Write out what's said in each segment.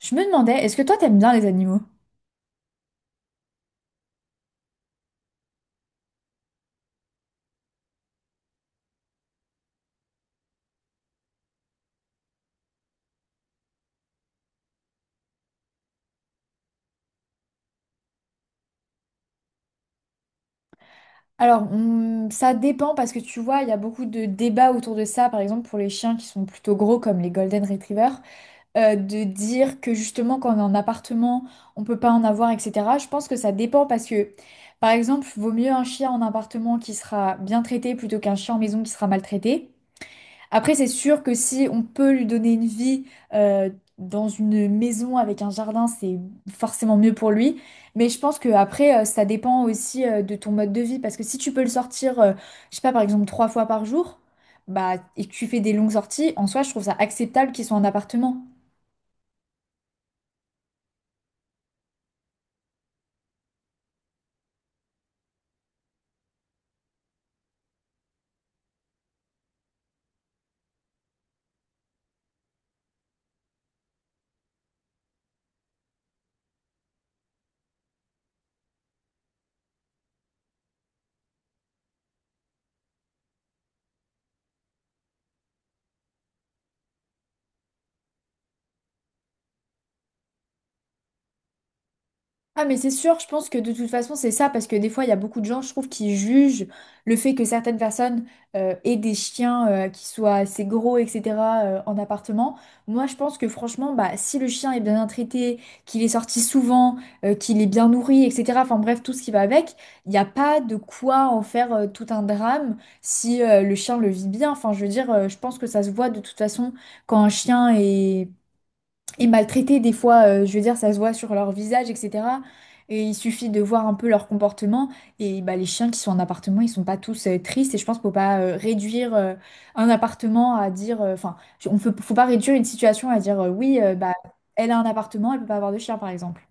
Je me demandais, est-ce que toi t'aimes bien les animaux? Alors, ça dépend parce que tu vois, il y a beaucoup de débats autour de ça, par exemple pour les chiens qui sont plutôt gros comme les Golden Retrievers, de dire que justement quand on est en appartement, on peut pas en avoir, etc. Je pense que ça dépend parce que, par exemple, vaut mieux un chien en appartement qui sera bien traité plutôt qu'un chien en maison qui sera maltraité. Après, c'est sûr que si on peut lui donner une vie euh, dans une maison avec un jardin, c'est forcément mieux pour lui. Mais je pense que après, ça dépend aussi de ton mode de vie. Parce que si tu peux le sortir, je sais pas, par exemple, trois fois par jour, bah, et que tu fais des longues sorties, en soi, je trouve ça acceptable qu'il soit en appartement. Ah mais c'est sûr, je pense que de toute façon c'est ça, parce que des fois il y a beaucoup de gens, je trouve, qui jugent le fait que certaines personnes aient des chiens qui soient assez gros, etc. En appartement. Moi je pense que franchement, bah, si le chien est bien traité, qu'il est sorti souvent, qu'il est bien nourri, etc. Enfin bref, tout ce qui va avec, il n'y a pas de quoi en faire tout un drame si le chien le vit bien. Enfin je veux dire, je pense que ça se voit de toute façon quand un chien est et maltraités des fois, je veux dire, ça se voit sur leur visage, etc. Et il suffit de voir un peu leur comportement. Et bah, les chiens qui sont en appartement, ils sont pas tous tristes. Et je pense qu'il faut pas réduire un appartement à dire. Enfin, on peut, faut pas réduire une situation à dire oui, bah, elle a un appartement, elle peut pas avoir de chien, par exemple.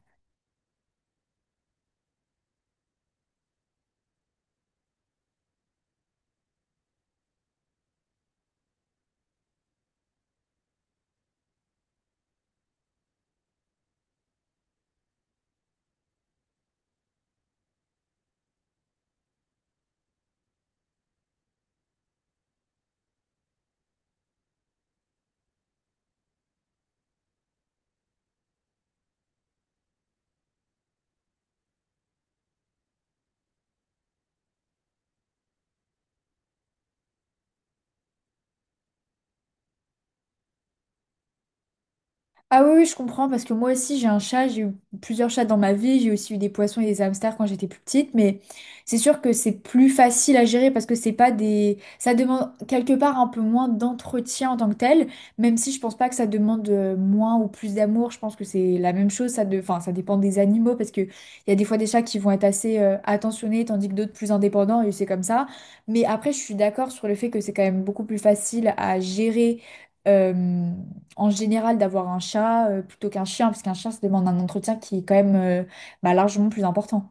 Ah oui, oui, je comprends, parce que moi aussi j'ai un chat, j'ai eu plusieurs chats dans ma vie, j'ai aussi eu des poissons et des hamsters quand j'étais plus petite, mais c'est sûr que c'est plus facile à gérer parce que c'est pas des ça demande quelque part un peu moins d'entretien en tant que tel, même si je pense pas que ça demande moins ou plus d'amour, je pense que c'est la même chose, ça de enfin, ça dépend des animaux, parce que il y a des fois des chats qui vont être assez attentionnés, tandis que d'autres plus indépendants, et c'est comme ça. Mais après, je suis d'accord sur le fait que c'est quand même beaucoup plus facile à gérer. euh, en général d'avoir un chat plutôt qu'un chien, parce qu'un chien, ça demande un entretien qui est quand même bah, largement plus important.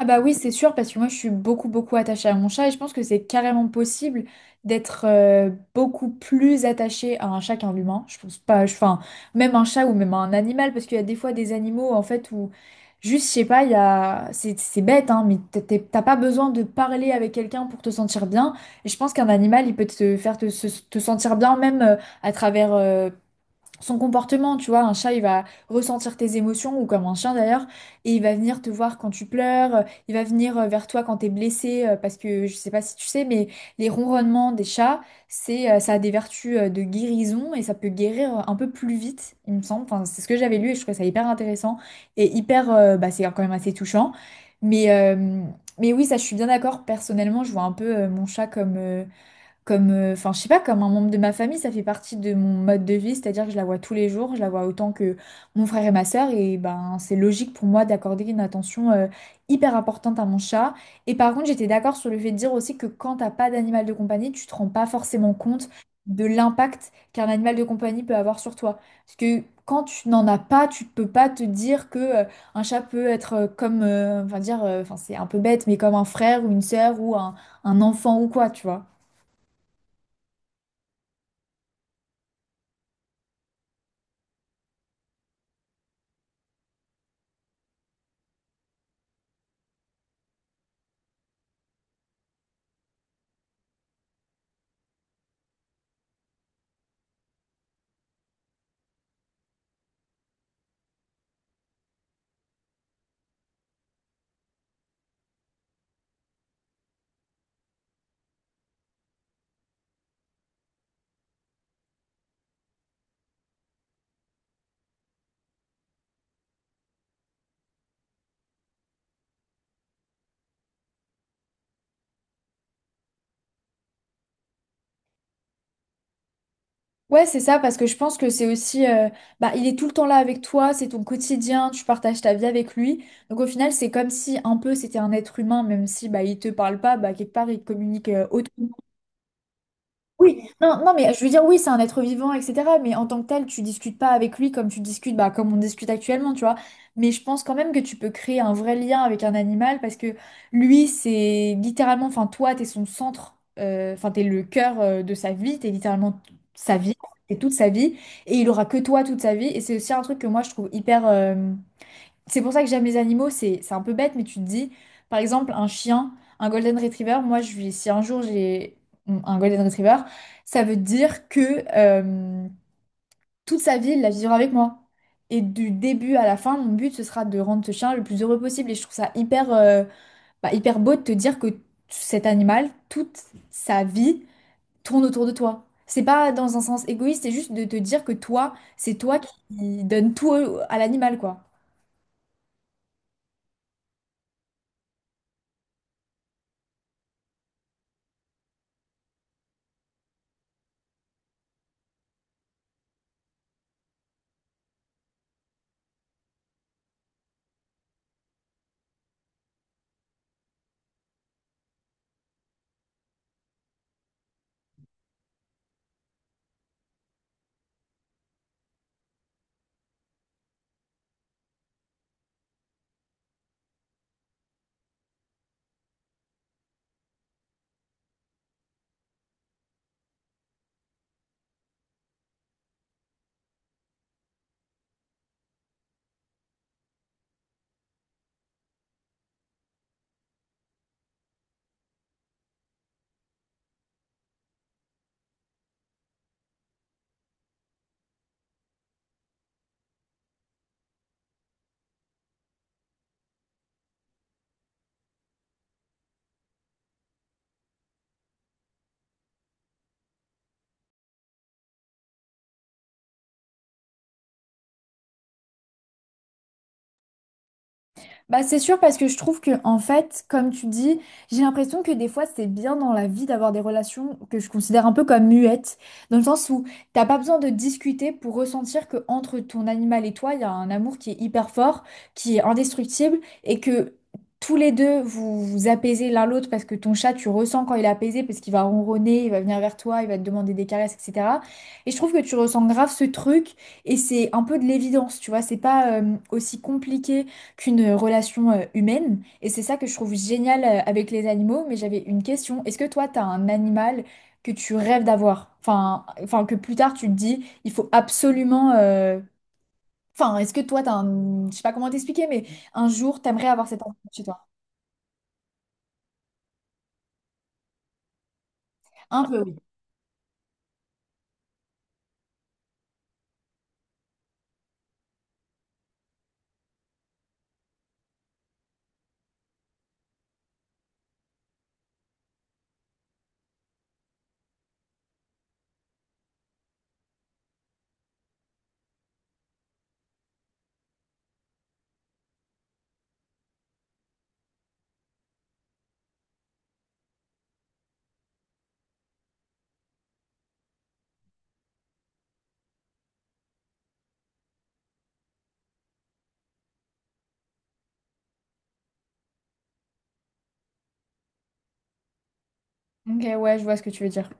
Ah bah oui, c'est sûr, parce que moi, je suis beaucoup, beaucoup attachée à mon chat, et je pense que c'est carrément possible d'être beaucoup plus attachée à un chat qu'à un humain. Je pense pas, je- enfin, même un chat ou même un animal, parce qu'il y a des fois des animaux, en fait, où Juste, je sais pas, il y a c'est bête, hein, mais t'as pas besoin de parler avec quelqu'un pour te sentir bien. Et je pense qu'un animal, il peut te faire te, se- te sentir bien, même à travers son comportement, tu vois, un chat, il va ressentir tes émotions, ou comme un chien d'ailleurs, et il va venir te voir quand tu pleures, il va venir vers toi quand t'es blessé, parce que je sais pas si tu sais, mais les ronronnements des chats, ça a des vertus de guérison, et ça peut guérir un peu plus vite, il me semble. Enfin, c'est ce que j'avais lu, et je trouvais ça hyper intéressant, et hyper, bah, c'est quand même assez touchant. Mais, euh, mais oui, ça, je suis bien d'accord, personnellement, je vois un peu mon chat comme comme, enfin, je sais pas, comme un membre de ma famille, ça fait partie de mon mode de vie, c'est-à-dire que je la vois tous les jours, je la vois autant que mon frère et ma sœur, et ben, c'est logique pour moi d'accorder une attention hyper importante à mon chat. Et par contre, j'étais d'accord sur le fait de dire aussi que quand t'as pas d'animal de compagnie, tu te rends pas forcément compte de l'impact qu'un animal de compagnie peut avoir sur toi. Parce que quand tu n'en as pas, tu peux pas te dire que un chat peut être comme, enfin dire, enfin c'est un peu bête, mais comme un frère ou une sœur ou un enfant ou quoi, tu vois. Ouais, c'est ça, parce que je pense que c'est aussi, bah, il est tout le temps là avec toi, c'est ton quotidien, tu partages ta vie avec lui. Donc au final, c'est comme si un peu c'était un être humain, même si bah, il te parle pas, bah, quelque part il communique autant. Oui, non, non, mais je veux dire, oui, c'est un être vivant, etc. Mais en tant que tel, tu discutes pas avec lui comme tu discutes, bah, comme on discute actuellement, tu vois. Mais je pense quand même que tu peux créer un vrai lien avec un animal parce que lui, c'est littéralement, enfin, toi, t'es son centre, enfin, t'es le cœur de sa vie, sa vie, t'es toute sa vie, et il aura que toi toute sa vie. Et c'est aussi un truc que moi, je trouve hyper, c'est pour ça que j'aime les animaux, c'est un peu bête, mais tu te dis, par exemple, un chien, un golden retriever, si un jour j'ai un golden retriever, ça veut dire que toute sa vie, il la vivra avec moi. Et du début à la fin, mon but, ce sera de rendre ce chien le plus heureux possible. Et je trouve ça hyper, bah, hyper beau de te dire que cet animal, toute sa vie, tourne autour de toi. C'est pas dans un sens égoïste, c'est juste de te dire que toi, c'est toi qui donne tout à l'animal, quoi. Bah, c'est sûr parce que je trouve que en fait, comme tu dis, j'ai l'impression que des fois c'est bien dans la vie d'avoir des relations que je considère un peu comme muettes, dans le sens où t'as pas besoin de discuter pour ressentir que entre ton animal et toi, il y a un amour qui est hyper fort, qui est indestructible et que tous les deux vous vous apaisez l'un l'autre parce que ton chat tu ressens quand il est apaisé parce qu'il va ronronner, il va venir vers toi, il va te demander des caresses, etc. Et je trouve que tu ressens grave ce truc et c'est un peu de l'évidence, tu vois, c'est pas aussi compliqué qu'une relation humaine. Et c'est ça que je trouve génial avec les animaux. Mais j'avais une question. Est-ce que toi, tu as un animal que tu rêves d'avoir? Enfin, enfin, que plus tard, tu te dis, il faut absolument Enfin, est-ce que toi, t'as un Je sais pas comment t'expliquer, mais un jour, t'aimerais avoir cet animal chez toi. Un peu, oui. Ok, ouais, je vois ce que tu veux dire.